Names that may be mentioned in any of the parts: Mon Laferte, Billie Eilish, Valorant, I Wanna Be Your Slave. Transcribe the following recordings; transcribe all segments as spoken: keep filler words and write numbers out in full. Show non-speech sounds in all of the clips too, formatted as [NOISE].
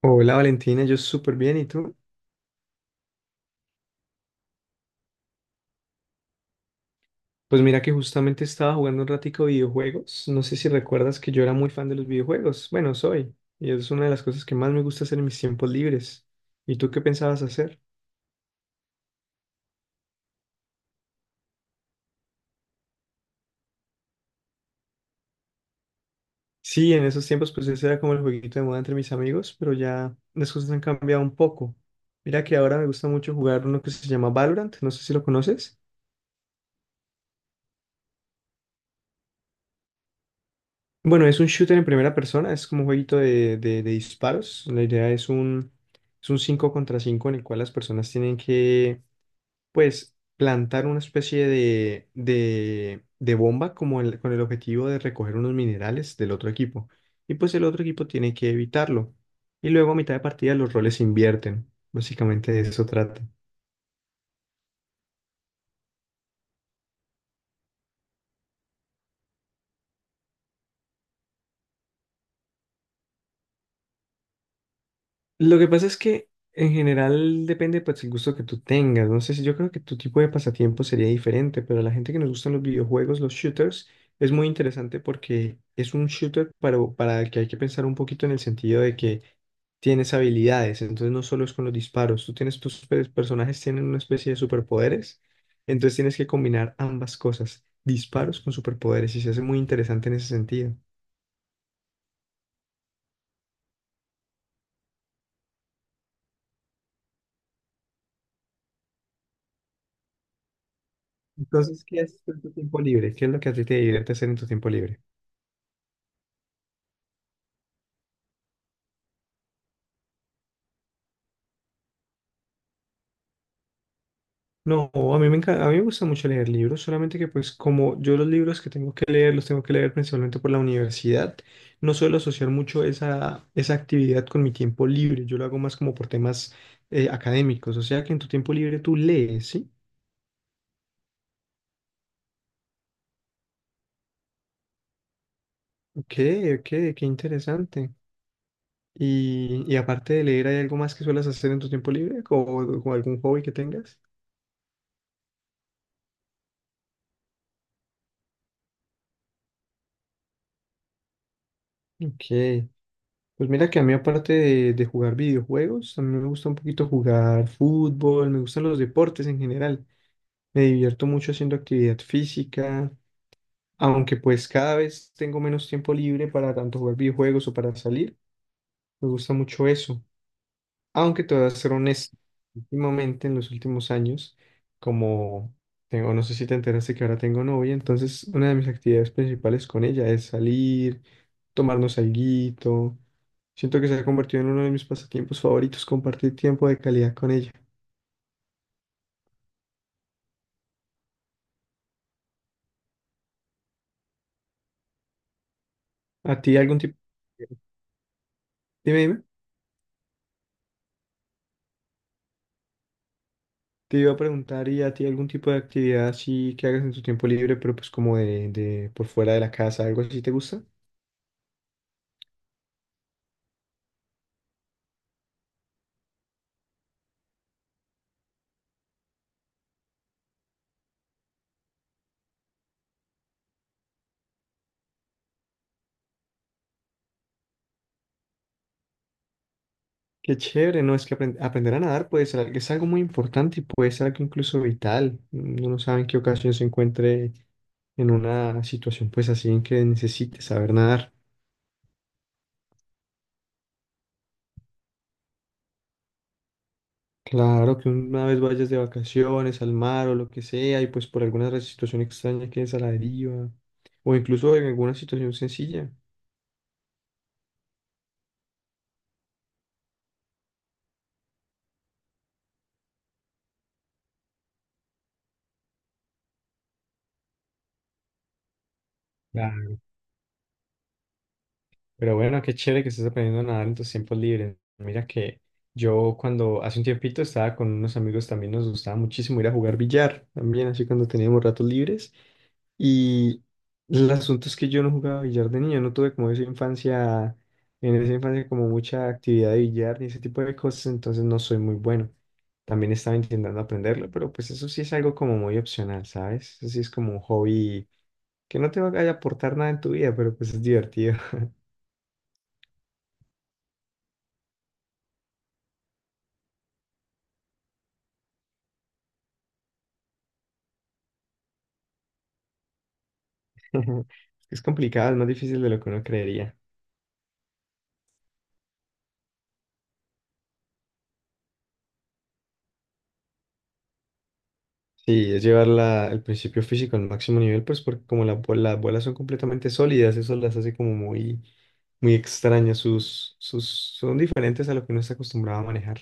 Hola Valentina, yo súper bien, ¿y tú? Pues mira que justamente estaba jugando un ratico videojuegos. No sé si recuerdas que yo era muy fan de los videojuegos. Bueno, soy. Y es una de las cosas que más me gusta hacer en mis tiempos libres. ¿Y tú qué pensabas hacer? Sí, en esos tiempos pues ese era como el jueguito de moda entre mis amigos, pero ya las cosas han cambiado un poco. Mira que ahora me gusta mucho jugar uno que se llama Valorant, no sé si lo conoces. Bueno, es un shooter en primera persona, es como un jueguito de, de- de disparos. La idea es un, es un cinco contra cinco en el cual las personas tienen que, pues, plantar una especie de, de, de bomba como el- con el objetivo de recoger unos minerales del otro equipo. Y pues el otro equipo tiene que evitarlo. Y luego a mitad de partida los roles se invierten. Básicamente de eso trata. Lo que pasa es que en general depende pues, el gusto que tú tengas. No sé si yo creo que tu tipo de pasatiempo sería diferente, pero a la gente que nos gustan los videojuegos, los shooters, es muy interesante porque es un shooter para, para el que hay que pensar un poquito en el sentido de que tienes habilidades, entonces no solo es con los disparos, tú tienes tus pe- personajes tienen una especie de superpoderes, entonces tienes que combinar ambas cosas, disparos con superpoderes, y se hace muy interesante en ese sentido. Entonces, ¿qué haces en tu tiempo libre? ¿Qué es lo que a ti te divierte hacer en tu tiempo libre? No, a mí me encanta, a mí me gusta mucho leer libros, solamente que pues como yo los libros que tengo que leer los tengo que leer principalmente por la universidad, no suelo asociar mucho esa, esa actividad con mi tiempo libre, yo lo hago más como por temas eh, académicos, o sea que en tu tiempo libre tú lees, ¿sí? Ok, ok, qué interesante. Y, y aparte de leer, ¿hay algo más que suelas hacer en tu tiempo libre o, o algún hobby que tengas? Ok. Pues mira que a mí aparte de, de jugar videojuegos, a mí me gusta un poquito jugar fútbol, me gustan los deportes en general. Me divierto mucho haciendo actividad física, aunque pues cada vez tengo menos tiempo libre para tanto jugar videojuegos o para salir. Me gusta mucho eso. Aunque te voy a ser honesto, últimamente en los últimos años, como tengo, no sé si te enteraste que ahora tengo novia, entonces una de mis actividades principales con ella es salir, tomarnos alguito. Siento que se ha convertido en uno de mis pasatiempos favoritos, compartir tiempo de calidad con ella. ¿A ti algún tipo? Dime, dime. Te iba a preguntar, ¿y a ti algún tipo de actividad así que hagas en tu tiempo libre, pero pues como de, de por fuera de la casa, algo así te gusta? Qué chévere, ¿no? Es que aprend- aprender a nadar puede ser, algo- es algo muy importante y puede ser algo incluso vital. Uno no sabe en qué ocasión se encuentre en una situación pues así en que necesite saber nadar. Claro, que una vez vayas de vacaciones al mar o lo que sea, y pues por alguna situación extraña quedes a la deriva, o incluso en alguna situación sencilla. Pero bueno, qué chévere que estés aprendiendo a nadar en tus tiempos libres. Mira que yo cuando hace un tiempito estaba con unos amigos también nos gustaba muchísimo ir a jugar billar, también así cuando teníamos ratos libres. Y el asunto es que yo no jugaba billar de niño, no tuve como esa infancia, en esa infancia como mucha actividad de billar ni ese tipo de cosas, entonces no soy muy bueno. También estaba intentando aprenderlo, pero pues eso sí es algo como muy opcional, ¿sabes? Eso sí es como un hobby que no te va a aportar nada en tu vida, pero pues es divertido. [LAUGHS] Es que es complicado, es más difícil de lo que uno creería. Sí, es llevar la- el principio físico al máximo nivel, pues porque como la bo- las bolas son completamente sólidas, eso las hace como muy, muy extrañas. Sus, sus, son diferentes a lo que uno está acostumbrado a manejar.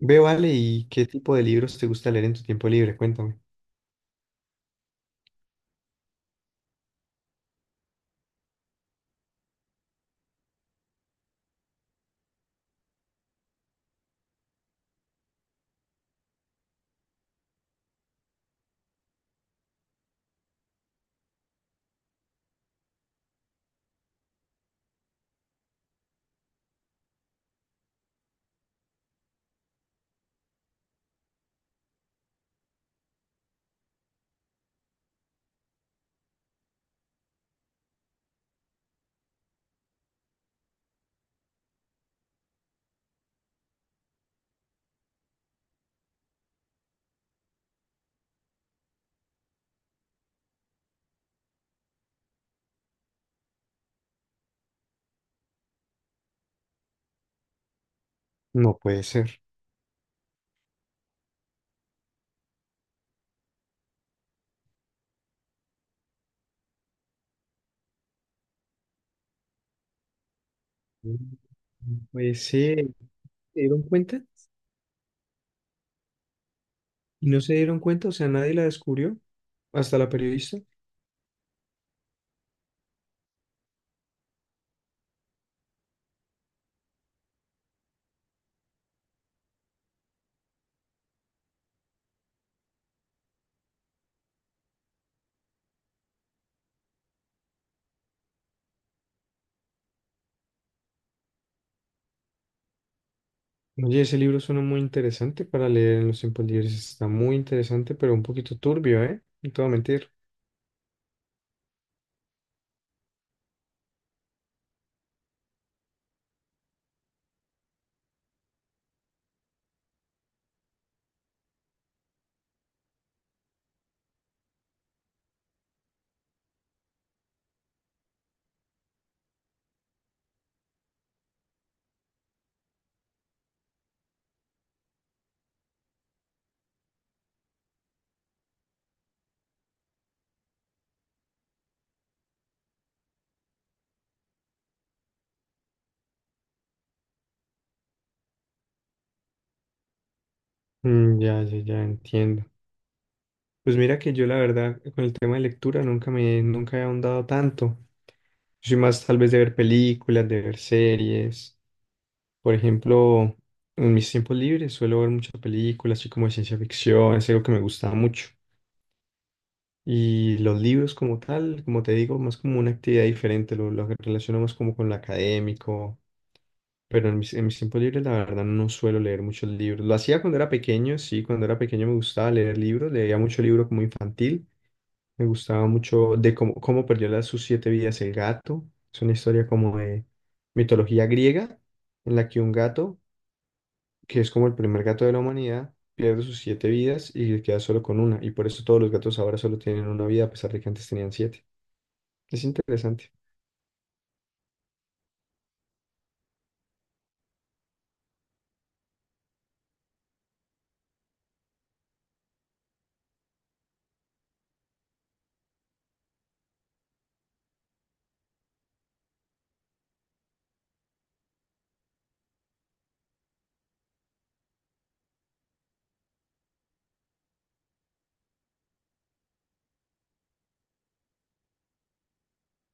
Ve, vale, ¿y qué tipo de libros te gusta leer en tu tiempo libre? Cuéntame. No puede ser. Mm. No puede ser. ¿Se dieron cuenta? ¿Y no se dieron cuenta? O sea, nadie la descubrió. Hasta la periodista. Oye, ese libro suena muy interesante para leer en los tiempos libres. Está muy interesante, pero un poquito turbio, ¿eh? No te voy a mentir. Mm, ya, ya, ya entiendo. Pues mira que yo la verdad con el tema de lectura nunca me, nunca he ahondado tanto. Yo soy más tal vez de ver películas, de ver series. Por ejemplo, en mis tiempos libres suelo ver muchas películas, así como de ciencia ficción, es algo que me gusta mucho. Y los libros como tal, como te digo, más como una actividad diferente, lo, lo relaciono más como con lo académico. Pero en mis, en mis tiempos libres, la verdad, no suelo leer muchos libros. Lo hacía cuando era pequeño, sí, cuando era pequeño me gustaba leer libros, leía mucho libro como infantil, me gustaba mucho de cómo, cómo perdió las, sus siete vidas el gato. Es una historia como de mitología griega, en la que un gato, que es como el primer gato de la humanidad, pierde sus siete vidas y queda solo con una. Y por eso todos los gatos ahora solo tienen una vida, a pesar de que antes tenían siete. Es interesante.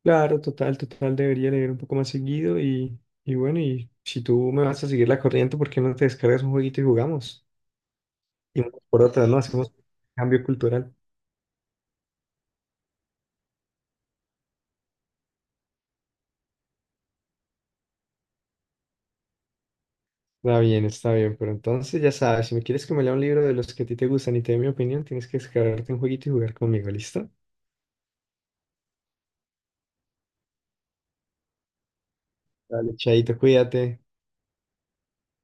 Claro, total, total, debería leer un poco más seguido y, y bueno, y si tú me vas a seguir la corriente, ¿por qué no te descargas un jueguito y jugamos? Y por otra, ¿no? Hacemos cambio cultural. Está bien, está bien, pero entonces ya sabes, si me quieres que me lea un libro de los que a ti te gustan y te dé mi opinión, tienes que descargarte un jueguito y jugar conmigo, ¿listo? Dale, chaito, cuídate.